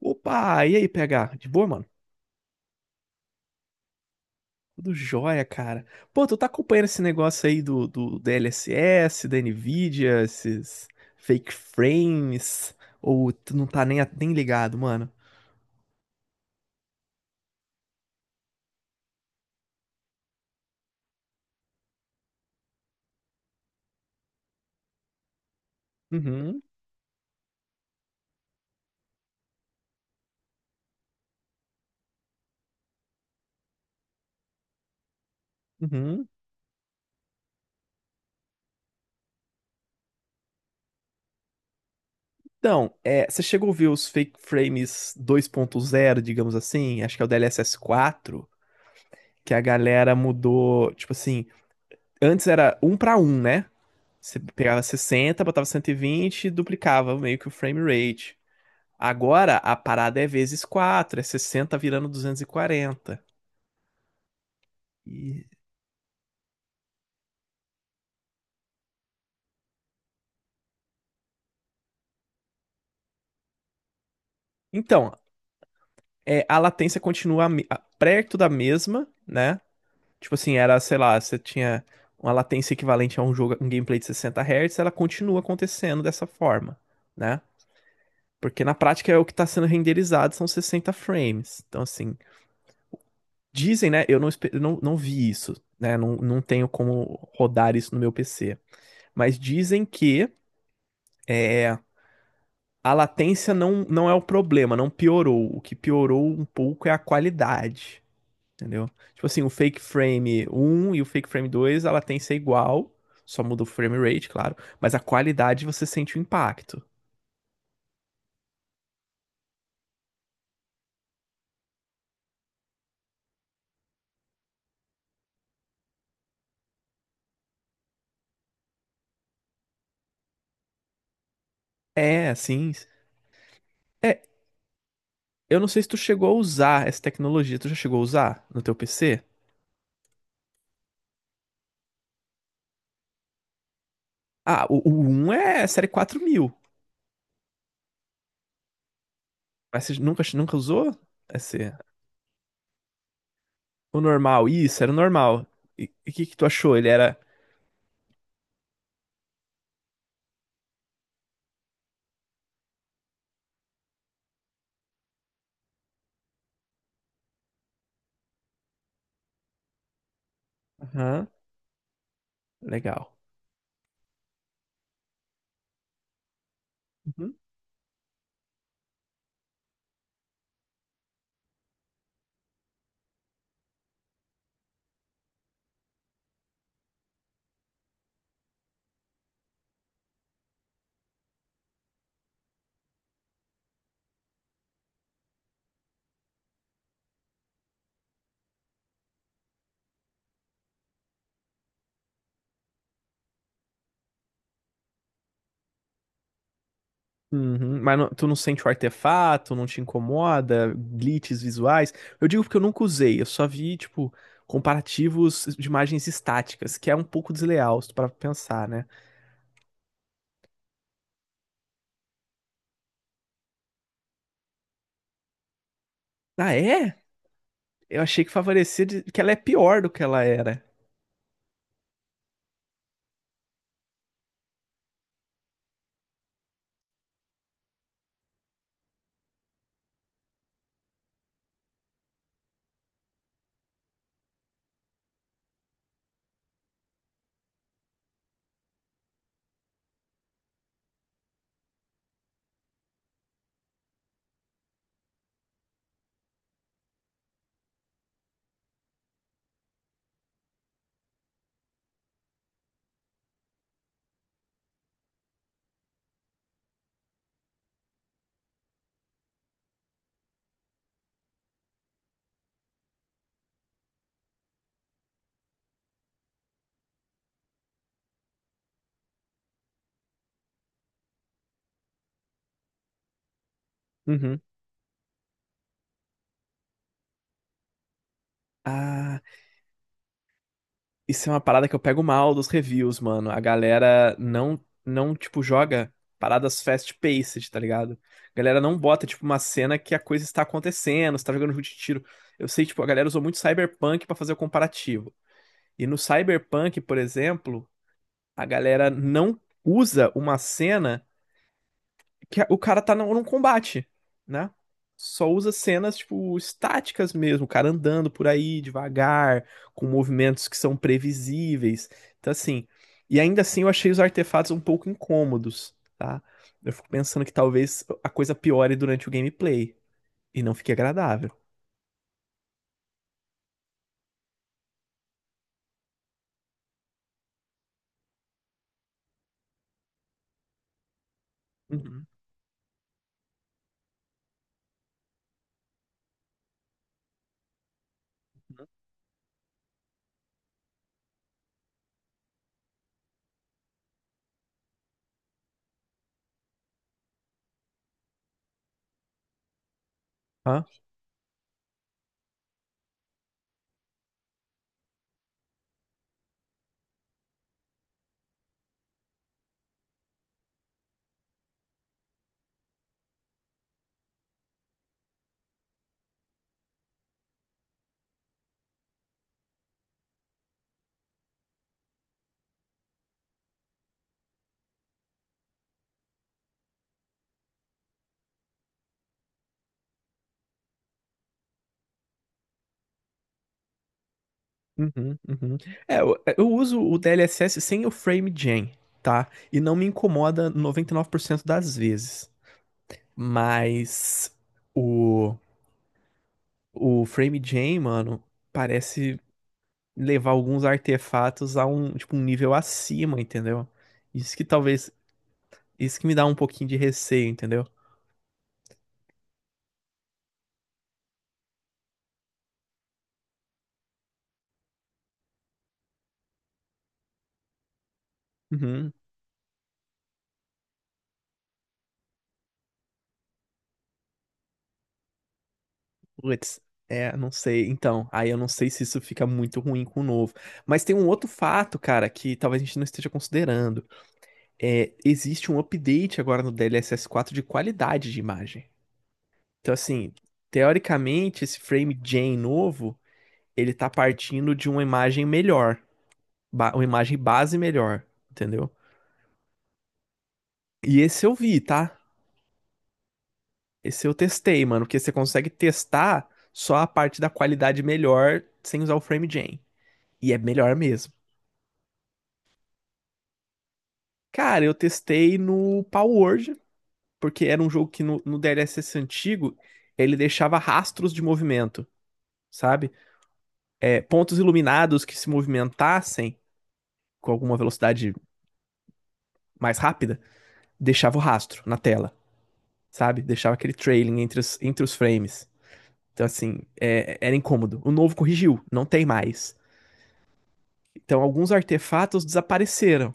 Opa, e aí, PH? De boa, mano? Tudo jóia, cara. Pô, tu tá acompanhando esse negócio aí do DLSS, da Nvidia, esses fake frames, ou tu não tá nem, nem ligado, mano? Uhum, uhum. Então, você chegou a ver os fake frames 2.0, digamos assim? Acho que é o DLSS 4, que a galera mudou, tipo assim, antes era um pra um, né? Você pegava 60, botava 120 e vinte e duplicava meio que o frame rate. Agora a parada é vezes quatro, é 60 virando 240 e Então, a latência continua perto da mesma, né? Tipo assim, era, sei lá, você tinha uma latência equivalente a um jogo, um gameplay de 60 Hz, ela continua acontecendo dessa forma, né? Porque na prática é o que está sendo renderizado, são 60 frames. Então, assim, dizem, né? Eu não vi isso, né? Não, tenho como rodar isso no meu PC. Mas dizem que é, A latência não, é o problema, não piorou. O que piorou um pouco é a qualidade, entendeu? Tipo assim, o Fake Frame 1 e o Fake Frame 2, a latência é igual, só muda o frame rate, claro, mas a qualidade você sente o impacto. É, assim, é, eu não sei se tu chegou a usar essa tecnologia, tu já chegou a usar no teu PC? Ah, o 1 é série 4000. Mas você nunca, nunca usou? Esse, o normal, isso, era o normal. E o que que tu achou? Ele era. Aham, legal. Uhum. Uhum, mas tu não sente o artefato, não te incomoda, glitches visuais? Eu digo porque eu nunca usei, eu só vi, tipo, comparativos de imagens estáticas, que é um pouco desleal, se tu parar pra pensar, né? Ah, é? Eu achei que favorecia que ela é pior do que ela era. Uhum. Ah. Isso é uma parada que eu pego mal dos reviews, mano. A galera não, não tipo, joga paradas fast-paced, tá ligado? A galera não bota, tipo, uma cena que a coisa está acontecendo, você tá jogando jogo de tiro. Eu sei, tipo, a galera usou muito Cyberpunk pra fazer o comparativo. E no Cyberpunk, por exemplo, a galera não usa uma cena que o cara tá num combate, né? Só usa cenas, tipo, estáticas mesmo, o cara andando por aí devagar, com movimentos que são previsíveis. Então, assim, e ainda assim eu achei os artefatos um pouco incômodos, tá? Eu fico pensando que talvez a coisa piore durante o gameplay e não fique agradável. Uhum. Hã? Uhum, uhum. É, eu uso o DLSS sem o frame gen, tá? E não me incomoda 99% das vezes. Mas o, o Frame Jam, mano, parece levar alguns artefatos a um, tipo, um nível acima, entendeu? Isso que talvez. Isso que me dá um pouquinho de receio, entendeu? Uhum. Putz, não sei. Então, aí eu não sei se isso fica muito ruim com o novo. Mas tem um outro fato, cara, que talvez a gente não esteja considerando. É, existe um update agora no DLSS 4 de qualidade de imagem. Então, assim, teoricamente, esse Frame Jam novo ele tá partindo de uma imagem melhor, uma imagem base melhor, entendeu? E esse eu vi, tá? Esse eu testei, mano, porque você consegue testar só a parte da qualidade melhor sem usar o FrameGen. E é melhor mesmo. Cara, eu testei no Palworld, porque era um jogo que no, DLSS antigo ele deixava rastros de movimento, sabe? É, pontos iluminados que se movimentassem com alguma velocidade mais rápida, deixava o rastro na tela. Sabe? Deixava aquele trailing entre os, frames. Então, assim, era incômodo. O novo corrigiu, não tem mais. Então, alguns artefatos desapareceram.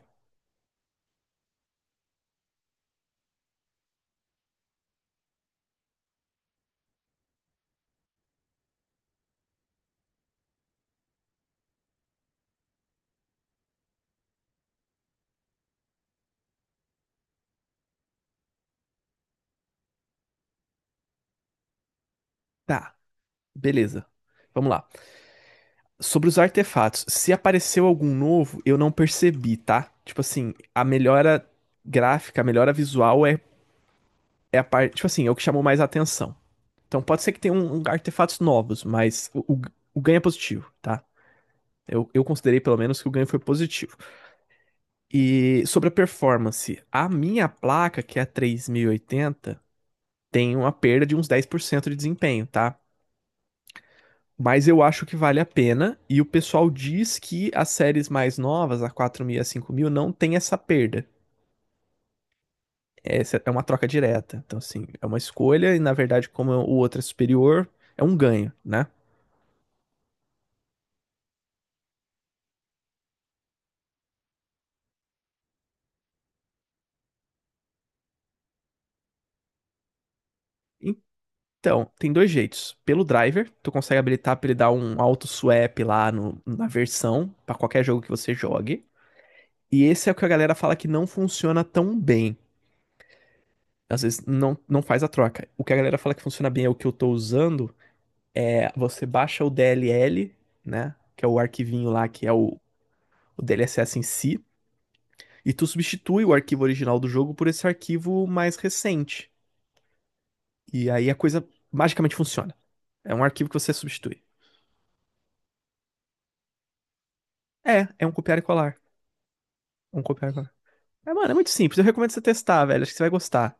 Tá, beleza. Vamos lá. Sobre os artefatos, se apareceu algum novo, eu não percebi, tá? Tipo assim, a melhora gráfica, a melhora visual é a parte. Tipo assim, é o que chamou mais a atenção. Então, pode ser que tenha artefatos novos, mas o ganho é positivo, tá? Eu considerei pelo menos que o ganho foi positivo. E sobre a performance, a minha placa, que é a 3080, tem uma perda de uns 10% de desempenho, tá? Mas eu acho que vale a pena, e o pessoal diz que as séries mais novas, a 4000 e a 5000, não tem essa perda. Essa é uma troca direta. Então, assim, é uma escolha, e na verdade, como o outro é superior, é um ganho, né? Então, tem dois jeitos. Pelo driver, tu consegue habilitar para ele dar um auto swap lá na versão, para qualquer jogo que você jogue. E esse é o que a galera fala que não funciona tão bem. Às vezes não, faz a troca. O que a galera fala que funciona bem é o que eu tô usando. É você baixa o DLL, né? Que é o arquivinho lá, que é o DLSS em si. E tu substitui o arquivo original do jogo por esse arquivo mais recente. E aí a coisa magicamente funciona. É um arquivo que você substitui. É um copiar e colar. Um copiar e colar. É, mano, é muito simples. Eu recomendo você testar, velho. Acho que você vai gostar.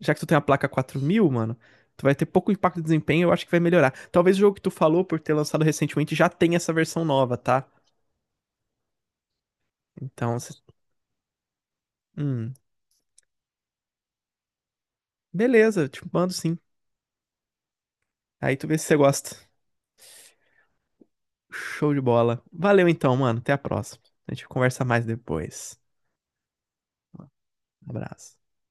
Já que tu tem uma placa 4000, mano, tu vai ter pouco impacto de desempenho, eu acho que vai melhorar. Talvez o jogo que tu falou por ter lançado recentemente já tenha essa versão nova, tá? Então, hum, beleza, eu te mando sim. Aí tu vê se você gosta. Show de bola. Valeu então, mano. Até a próxima. A gente conversa mais depois. Um abraço.